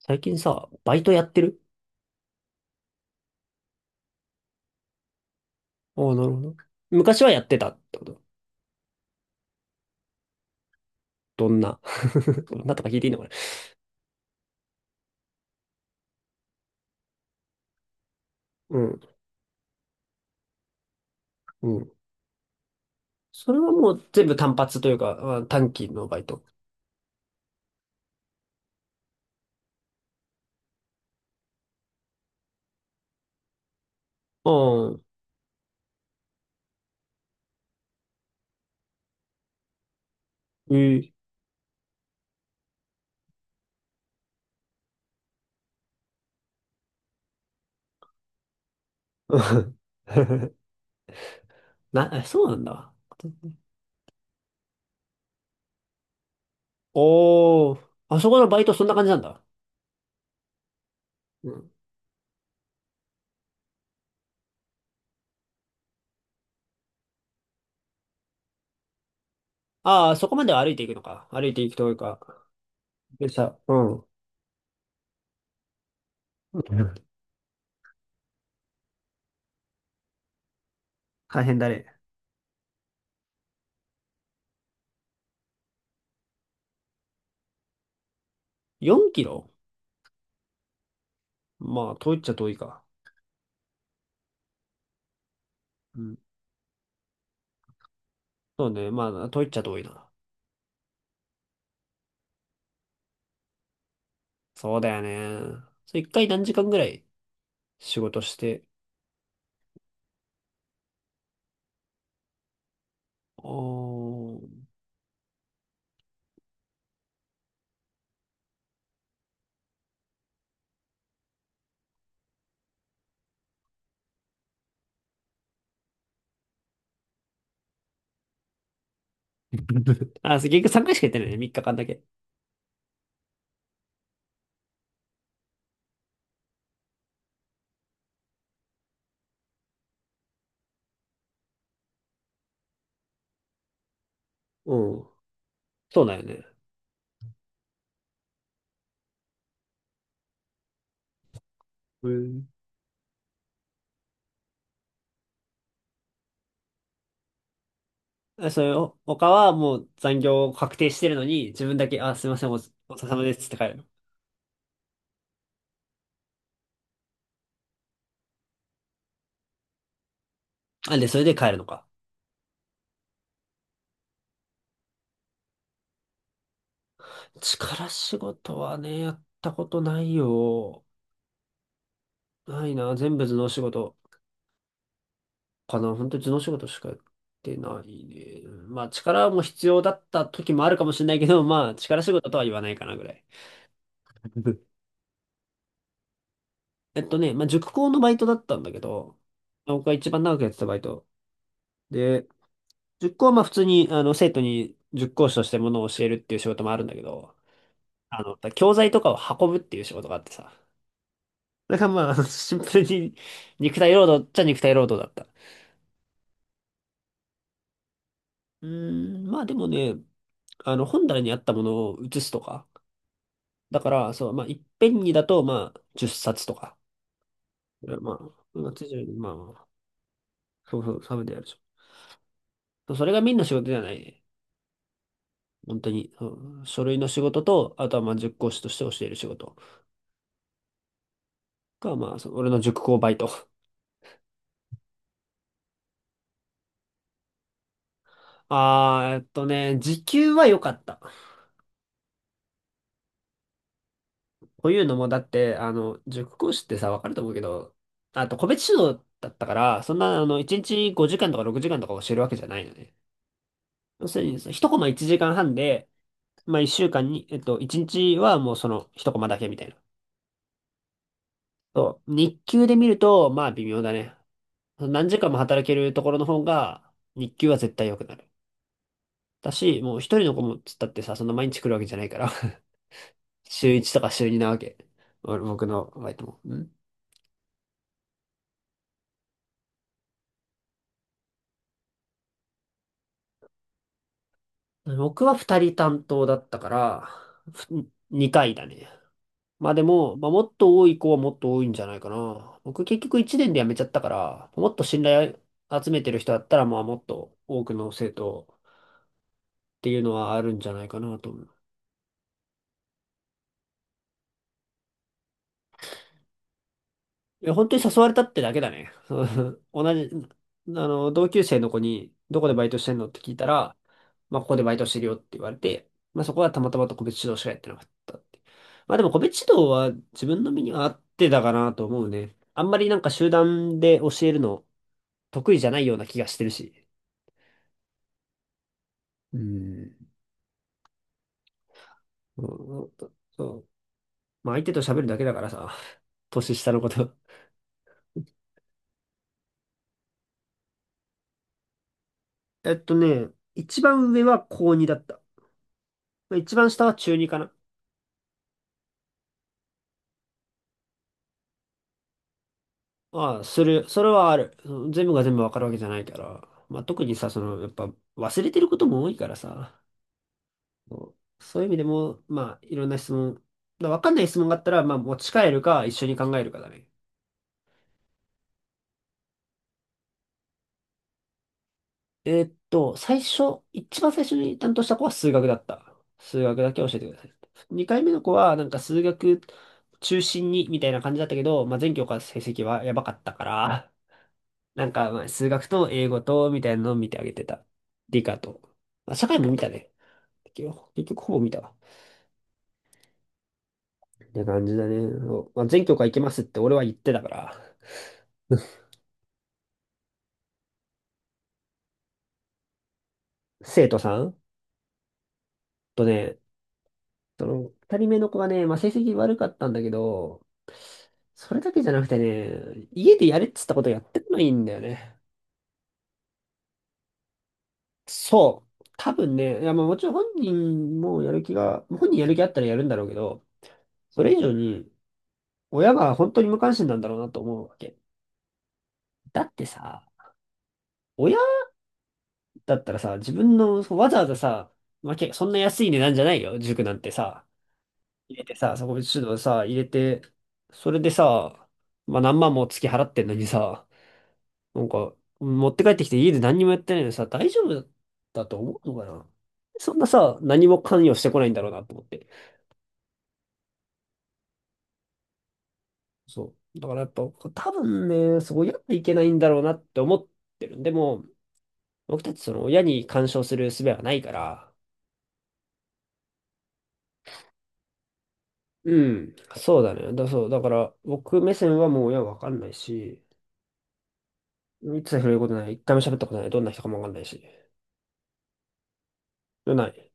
最近さ、バイトやってる？おー、なるほど。昔はやってたってこと？どんな どんなとか聞いていいのかな？うん。うん。それはもう全部単発というか、あ、短期のバイト。うん。えー そうなんだ。おー。あそこのバイトそんな感じなんだ。うん。ああ、そこまでは歩いていくのか。歩いていくというか。でさ、うん。うん、大変だね。4キロ？まあ、遠いっちゃ遠いか。うん。そうね。まあ、遠いっちゃ遠いな。そうだよね。それ一回何時間ぐらい仕事して？おー。あ、そう結局3回しかやってないね。3日間だけ。うん。そうだよね。うん。あ、それを、他はもう残業確定してるのに、自分だけ、あ、すいません、お疲れ様ですって帰るの？あ、で、それで帰るのか。力仕事はね、やったことないよ。ないな、全部頭脳仕事。かな、本当に頭脳仕事しかやってないね。まあ力も必要だった時もあるかもしれないけど、まあ力仕事とは言わないかなぐらい。まあ塾講のバイトだったんだけど、僕が一番長くやってたバイト。で、塾講はまあ普通に生徒に塾講師としてものを教えるっていう仕事もあるんだけど、教材とかを運ぶっていう仕事があってさ。だからまあ、シンプルに肉体労働っちゃ肉体労働だった。うーん、まあでもね、本棚にあったものを写すとか、だから、そう、まあ、いっぺんにだと、まあ、10冊とか。まあ、まあ、通常よりまあ、そうそう、サブでやるでしょ。それがみんな仕事じゃないね。本当に、うん、書類の仕事と、あとはまあ、塾講師として教える仕事が、まあ、その俺の塾講バイト。あー、時給は良かった。というのも、だって、塾講師ってさ、わかると思うけど、あと、個別指導だったから、そんな、1日5時間とか6時間とか教えるわけじゃないのね。要するにさ、その一コマ1時間半で、まあ、一週間に、一日はもうその一コマだけみたいな。そう。日給で見ると、まあ微妙だね。何時間も働けるところの方が、日給は絶対良くなる。だし、もう一人の子もつったってさ、そんな毎日来るわけじゃないから 週一とか週二なわけ。僕のバイトも。うん。僕は二人担当だったから、二回だね。まあでも、まあ、もっと多い子はもっと多いんじゃないかな。僕結局1年で辞めちゃったから、もっと信頼集めてる人だったら、まあもっと多くの生徒っていうのはあるんじゃないかなと思う。いや、本当に誘われたってだけだね。同じ、同級生の子に、どこでバイトしてんのって聞いたら、まあここでバイトしてるよって言われて、まあそこはたまたまと個別指導しかやってなかったって。まあでも個別指導は自分の身には合ってたかなと思うね。あんまりなんか集団で教えるの、得意じゃないような気がしてるし。うん。そうそう。まあ相手と喋るだけだからさ、年下のこと。えっとね、一番上は高2だった。一番下は中2かな。ああ、する。それはある。うん、全部が全部わかるわけじゃないから。まあ特にさ、その、やっぱ忘れてることも多いからさ。そう、そういう意味でも、まあいろんな質問。だからわかんない質問があったら、まあ持ち帰るか一緒に考えるかだね。一番最初に担当した子は数学だった。数学だけ教えてください。二回目の子は、なんか数学中心にみたいな感じだったけど、まあ、全教科成績はやばかったから、なんかまあ数学と英語とみたいなのを見てあげてた。理科と。まあ、社会も見たね。結局ほぼ見たわ。って感じだね。そうまあ、全教科行けますって俺は言ってたから。生徒さんとね、その、二人目の子がね、まあ、成績悪かったんだけど、それだけじゃなくてね、家でやれっつったことやってこないんだよね。そう。多分ね、いや、まあもちろん本人もやる気が、本人やる気あったらやるんだろうけど、それ以上に、親が本当に無関心なんだろうなと思うわけ。だってさ、親だったらさ、自分の、そうわざわざさ、まあ、そんな安い値段じゃないよ、塾なんてさ。入れてさ、そこに指導さ、入れて、それでさ、まあ何万も月払ってんのにさ、なんか、持って帰ってきて家で何にもやってないのにさ、大丈夫だと思うのかな？そんなさ、何も関与してこないんだろうなと思って。そう。だからやっぱ、多分ね、そうやっていけないんだろうなって思ってる。でも、僕たちその親に干渉する術はないから、うん、そうだね。そう。だから、僕目線はもう親わかんないし、一切触れることない。一回も喋ったことない。どんな人かもわかんないし。ない。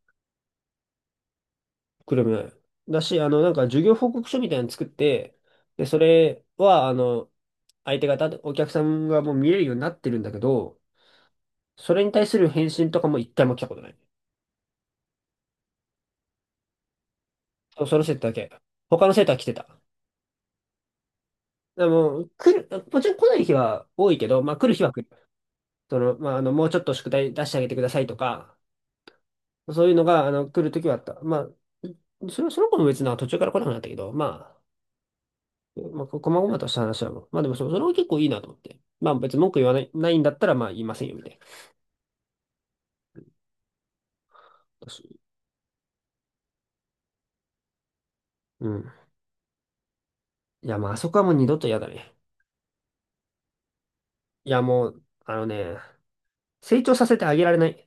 くるない。だし、なんか授業報告書みたいなの作って、で、それは、相手方、お客さんがもう見えるようになってるんだけど、それに対する返信とかも一回も来たことない。そう、その生徒だけ。他の生徒は来てた。でも、来る、もちろん来ない日は多いけど、まあ来る日は来る。その、まあ、もうちょっと宿題出してあげてくださいとか、そういうのが、来るときはあった。まあ、それはその子も別になんか途中から来なくなったけど、まあ、まあ、こまごまとした話はもう。まあでもそれも結構いいなと思って。まあ別に文句言わない、ないんだったらまあ言いませんよ、みたいな。私、うん。いや、まああそこはもう二度と嫌だね。いや、もう、成長させてあげられない。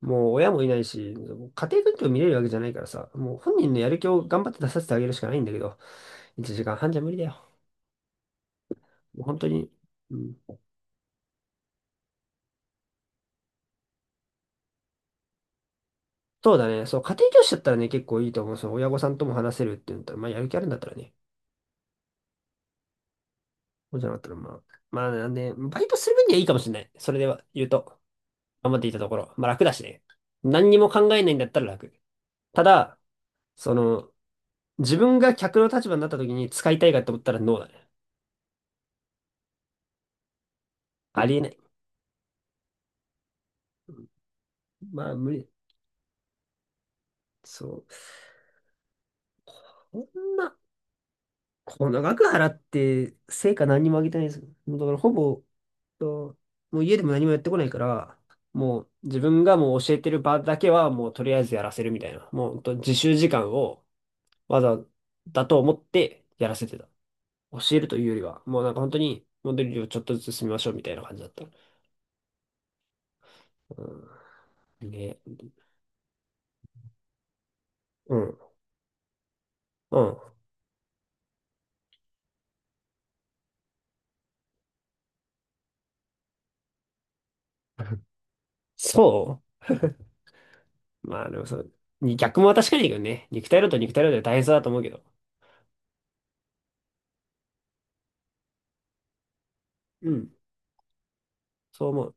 もう親もいないし、家庭環境見れるわけじゃないからさ、もう本人のやる気を頑張って出させてあげるしかないんだけど、1時間半じゃ無理だよ。もう本当に。うん。そうだね。そう、家庭教師だったらね、結構いいと思う。その親御さんとも話せるって言うんだったら、まあやる気あるんだったらね。そうじゃなかったら、まあ。まあ、なんで、バイトする分にはいいかもしれない。それでは言うと、頑張っていたところ。まあ楽だしね。何にも考えないんだったら楽。ただ、その、自分が客の立場になった時に使いたいかと思ったらノーだね。ありえない。まあ、無理。そう。こんな、この額払って、成果何にもあげてないです。もうだから、ほぼ、と、もう家でも何もやってこないから、もう自分がもう教えてる場だけはもうとりあえずやらせるみたいな。もうほんと自習時間を技だと思ってやらせてた。教えるというよりは、もうなんか本当にモデルをちょっとずつ進みましょうみたいな感じだった。うん。ね。うん。うん。そう、まあでもそう。逆も確かにいいけどね。肉体労働で大変そうだと思うけど。うん。そう思う。